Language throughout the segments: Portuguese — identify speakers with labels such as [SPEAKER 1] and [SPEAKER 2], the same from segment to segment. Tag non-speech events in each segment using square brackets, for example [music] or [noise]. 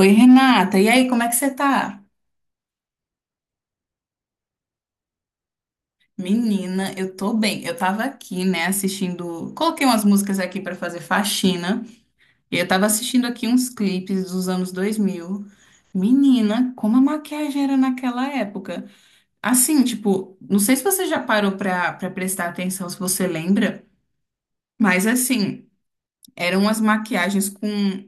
[SPEAKER 1] Oi, Renata. E aí, como é que você tá? Menina, eu tô bem. Eu tava aqui, né, assistindo. Coloquei umas músicas aqui pra fazer faxina. E eu tava assistindo aqui uns clipes dos anos 2000. Menina, como a maquiagem era naquela época. Assim, tipo, não sei se você já parou pra prestar atenção, se você lembra, mas assim. Eram umas maquiagens com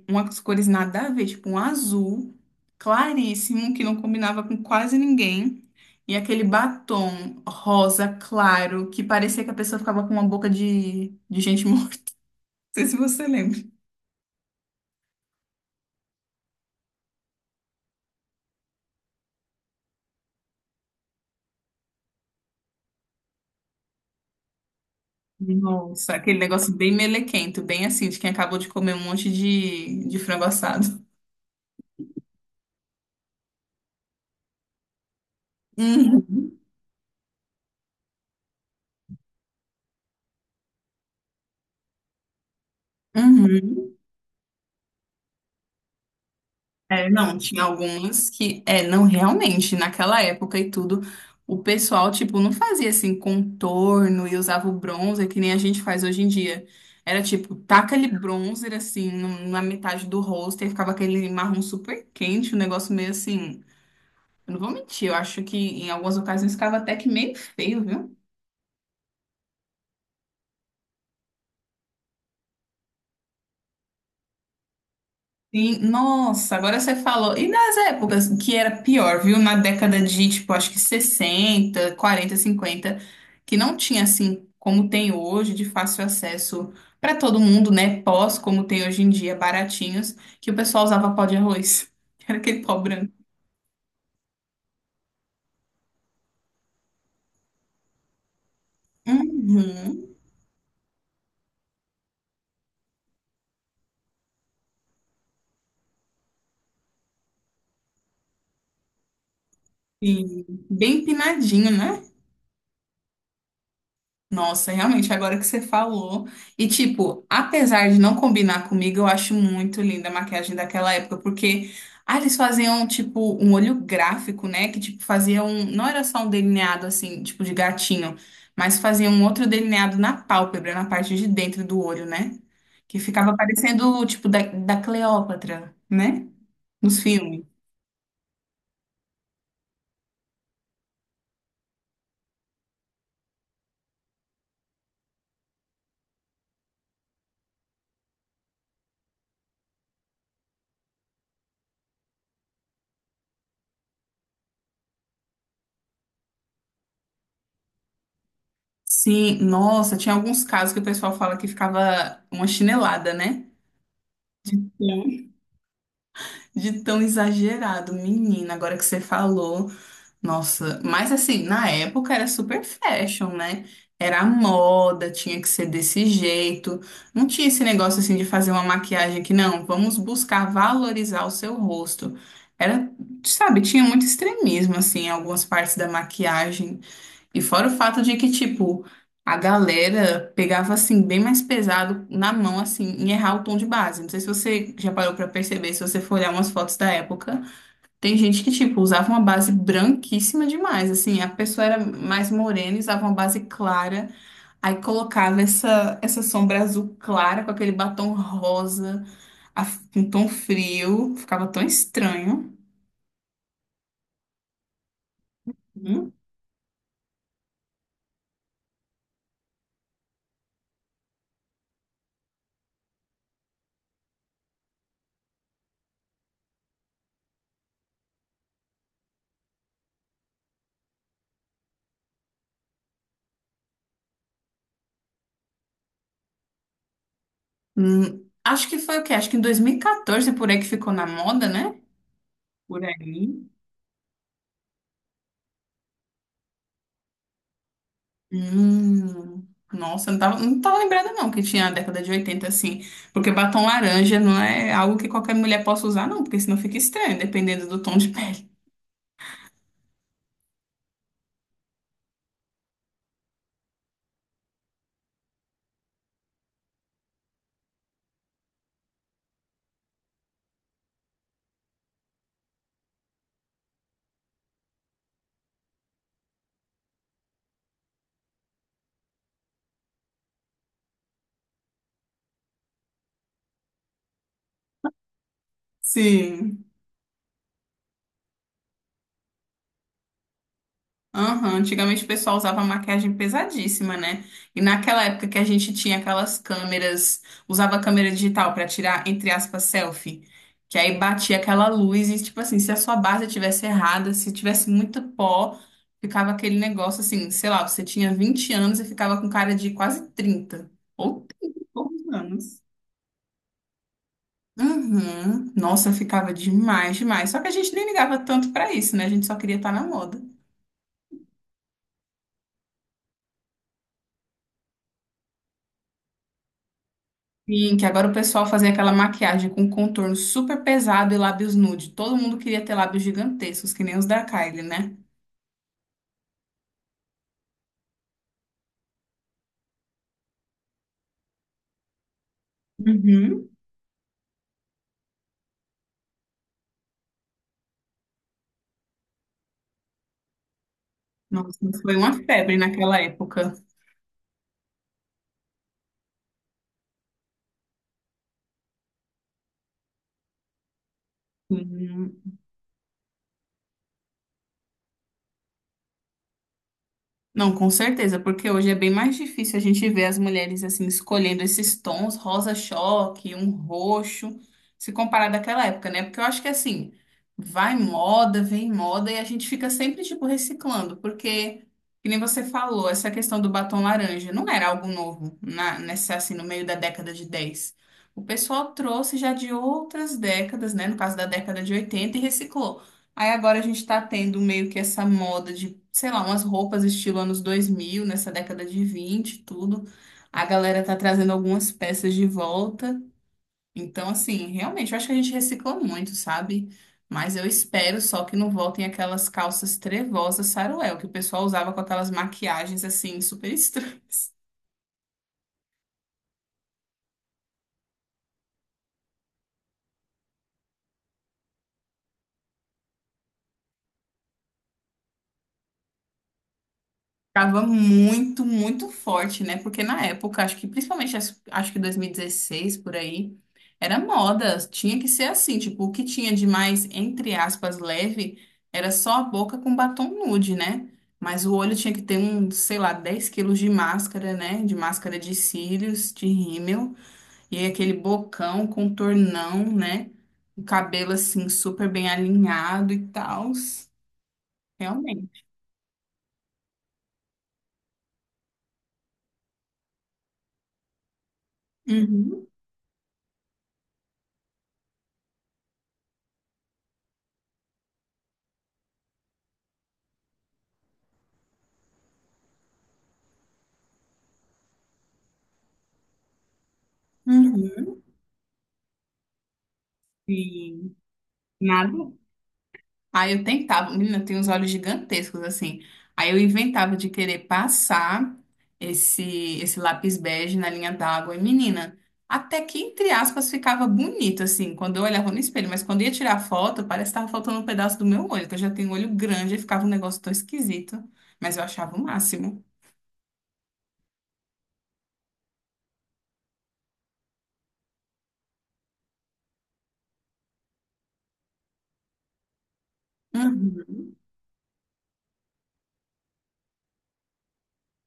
[SPEAKER 1] umas cores nada a ver, tipo um azul claríssimo, que não combinava com quase ninguém. E aquele batom rosa claro, que parecia que a pessoa ficava com uma boca de gente morta. [laughs] Não sei se você lembra. Nossa, aquele negócio bem melequento, bem assim, de quem acabou de comer um monte de frango assado. Uhum. Uhum. É, não, tinha algumas que, é, não, realmente, naquela época e tudo, o pessoal, tipo, não fazia assim contorno e usava o bronzer que nem a gente faz hoje em dia. Era tipo, taca ali bronzer assim na metade do rosto e ficava aquele marrom super quente, um negócio meio assim. Eu não vou mentir, eu acho que em algumas ocasiões ficava até que meio feio, viu? Sim, nossa, agora você falou. E nas épocas que era pior, viu? Na década de, tipo, acho que 60 40 50 que não tinha assim como tem hoje, de fácil acesso para todo mundo, né? Pós, como tem hoje em dia, baratinhos, que o pessoal usava pó de arroz. [laughs] Era aquele pó branco. Uhum. Sim. Bem empinadinho, né? Nossa, realmente, agora que você falou. E, tipo, apesar de não combinar comigo, eu acho muito linda a maquiagem daquela época, porque ah, eles faziam, tipo, um olho gráfico, né? Que, tipo, faziam. Não era só um delineado, assim, tipo, de gatinho, mas faziam um outro delineado na pálpebra, na parte de dentro do olho, né? Que ficava parecendo, tipo, da, da Cleópatra, né? Nos filmes. Sim, nossa, tinha alguns casos que o pessoal fala que ficava uma chinelada, né? De tão exagerado, menina, agora que você falou. Nossa, mas assim, na época era super fashion, né? Era a moda, tinha que ser desse jeito. Não tinha esse negócio assim de fazer uma maquiagem que não, vamos buscar valorizar o seu rosto. Era, sabe, tinha muito extremismo assim em algumas partes da maquiagem. E fora o fato de que, tipo, a galera pegava, assim, bem mais pesado na mão, assim, em errar o tom de base. Não sei se você já parou pra perceber, se você for olhar umas fotos da época, tem gente que, tipo, usava uma base branquíssima demais, assim, a pessoa era mais morena, e usava uma base clara, aí colocava essa sombra azul clara com aquele batom rosa, a- com tom frio, ficava tão estranho. Uhum. Acho que foi o quê? Acho que em 2014, por aí que ficou na moda, né? Por aí. Hum, nossa, não tava lembrada não que tinha a década de 80 assim, porque batom laranja não é algo que qualquer mulher possa usar não, porque senão fica estranho, dependendo do tom de pele. Sim. Aham, antigamente o pessoal usava maquiagem pesadíssima, né? E naquela época que a gente tinha aquelas câmeras, usava câmera digital pra tirar, entre aspas, selfie, que aí batia aquela luz e, tipo assim, se a sua base tivesse errada, se tivesse muito pó, ficava aquele negócio assim, sei lá, você tinha 20 anos e ficava com cara de quase 30 ou 30 e poucos anos. Uhum. Nossa, eu ficava demais, demais. Só que a gente nem ligava tanto pra isso, né? A gente só queria estar na moda. Sim, que agora o pessoal fazia aquela maquiagem com um contorno super pesado e lábios nude. Todo mundo queria ter lábios gigantescos, que nem os da Kylie, né? Uhum. Nossa, foi uma febre naquela época. Sim. Não, com certeza, porque hoje é bem mais difícil a gente ver as mulheres assim escolhendo esses tons, rosa choque, um roxo, se comparar daquela época, né? Porque eu acho que assim, vai moda, vem moda e a gente fica sempre tipo reciclando, porque que nem você falou, essa questão do batom laranja não era algo novo na nessa assim no meio da década de 10. O pessoal trouxe já de outras décadas, né, no caso da década de 80 e reciclou. Aí agora a gente tá tendo meio que essa moda de, sei lá, umas roupas estilo anos 2000, nessa década de 20, e tudo. A galera tá trazendo algumas peças de volta. Então, assim, realmente, eu acho que a gente recicla muito, sabe? Mas eu espero só que não voltem aquelas calças trevosas saruel, que o pessoal usava com aquelas maquiagens, assim, super [laughs] estranhas. Tava muito, muito forte, né? Porque na época, acho que principalmente, acho que 2016 por aí, era moda, tinha que ser assim, tipo, o que tinha de mais, entre aspas, leve, era só a boca com batom nude, né? Mas o olho tinha que ter um, sei lá, 10 quilos de máscara, né? De máscara de cílios, de rímel, e aí aquele bocão, contornão, né? O cabelo, assim, super bem alinhado e tal. Realmente. Uhum. Uhum. E nada. Aí eu tentava, menina, tem uns olhos gigantescos assim. Aí eu inventava de querer passar esse lápis bege na linha d'água e menina, até que entre aspas ficava bonito assim, quando eu olhava no espelho, mas quando eu ia tirar foto, parece que tava faltando um pedaço do meu olho, que eu já tenho um olho grande e ficava um negócio tão esquisito, mas eu achava o máximo. Uhum.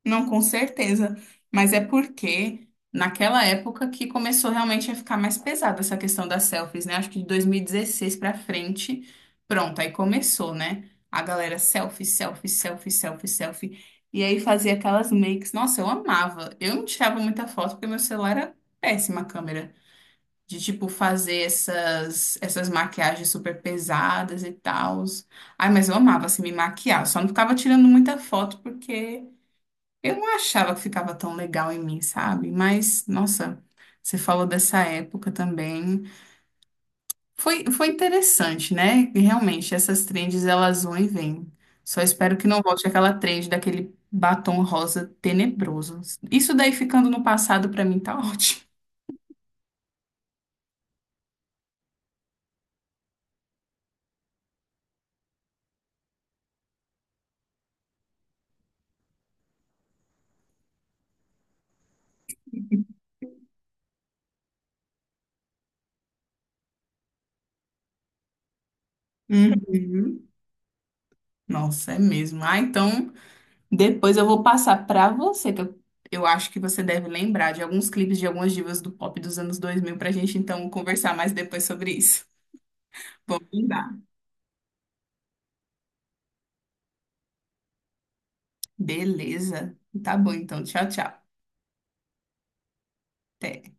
[SPEAKER 1] Não, com certeza. Mas é porque naquela época que começou realmente a ficar mais pesada essa questão das selfies, né? Acho que de 2016 pra frente, pronto, aí começou, né? A galera selfie, selfie, selfie, selfie, selfie. E aí fazia aquelas makes. Nossa, eu amava. Eu não tirava muita foto porque meu celular era péssima a câmera. De, tipo, fazer essas maquiagens super pesadas e tal. Ai, mas eu amava, assim, me maquiar. Eu só não ficava tirando muita foto porque. Eu não achava que ficava tão legal em mim, sabe? Mas, nossa, você falou dessa época também. Foi interessante, né? E realmente, essas trends, elas vão e vêm. Só espero que não volte aquela trend daquele batom rosa tenebroso. Isso daí ficando no passado, pra mim, tá [laughs] ótimo. Uhum. Nossa, é mesmo. Ah, então, depois eu vou passar pra você, que eu acho que você deve lembrar de alguns clipes de algumas divas do pop dos anos 2000, pra gente, então, conversar mais depois sobre isso. Vou mandar. Beleza. Tá bom, então. Tchau, tchau. Até.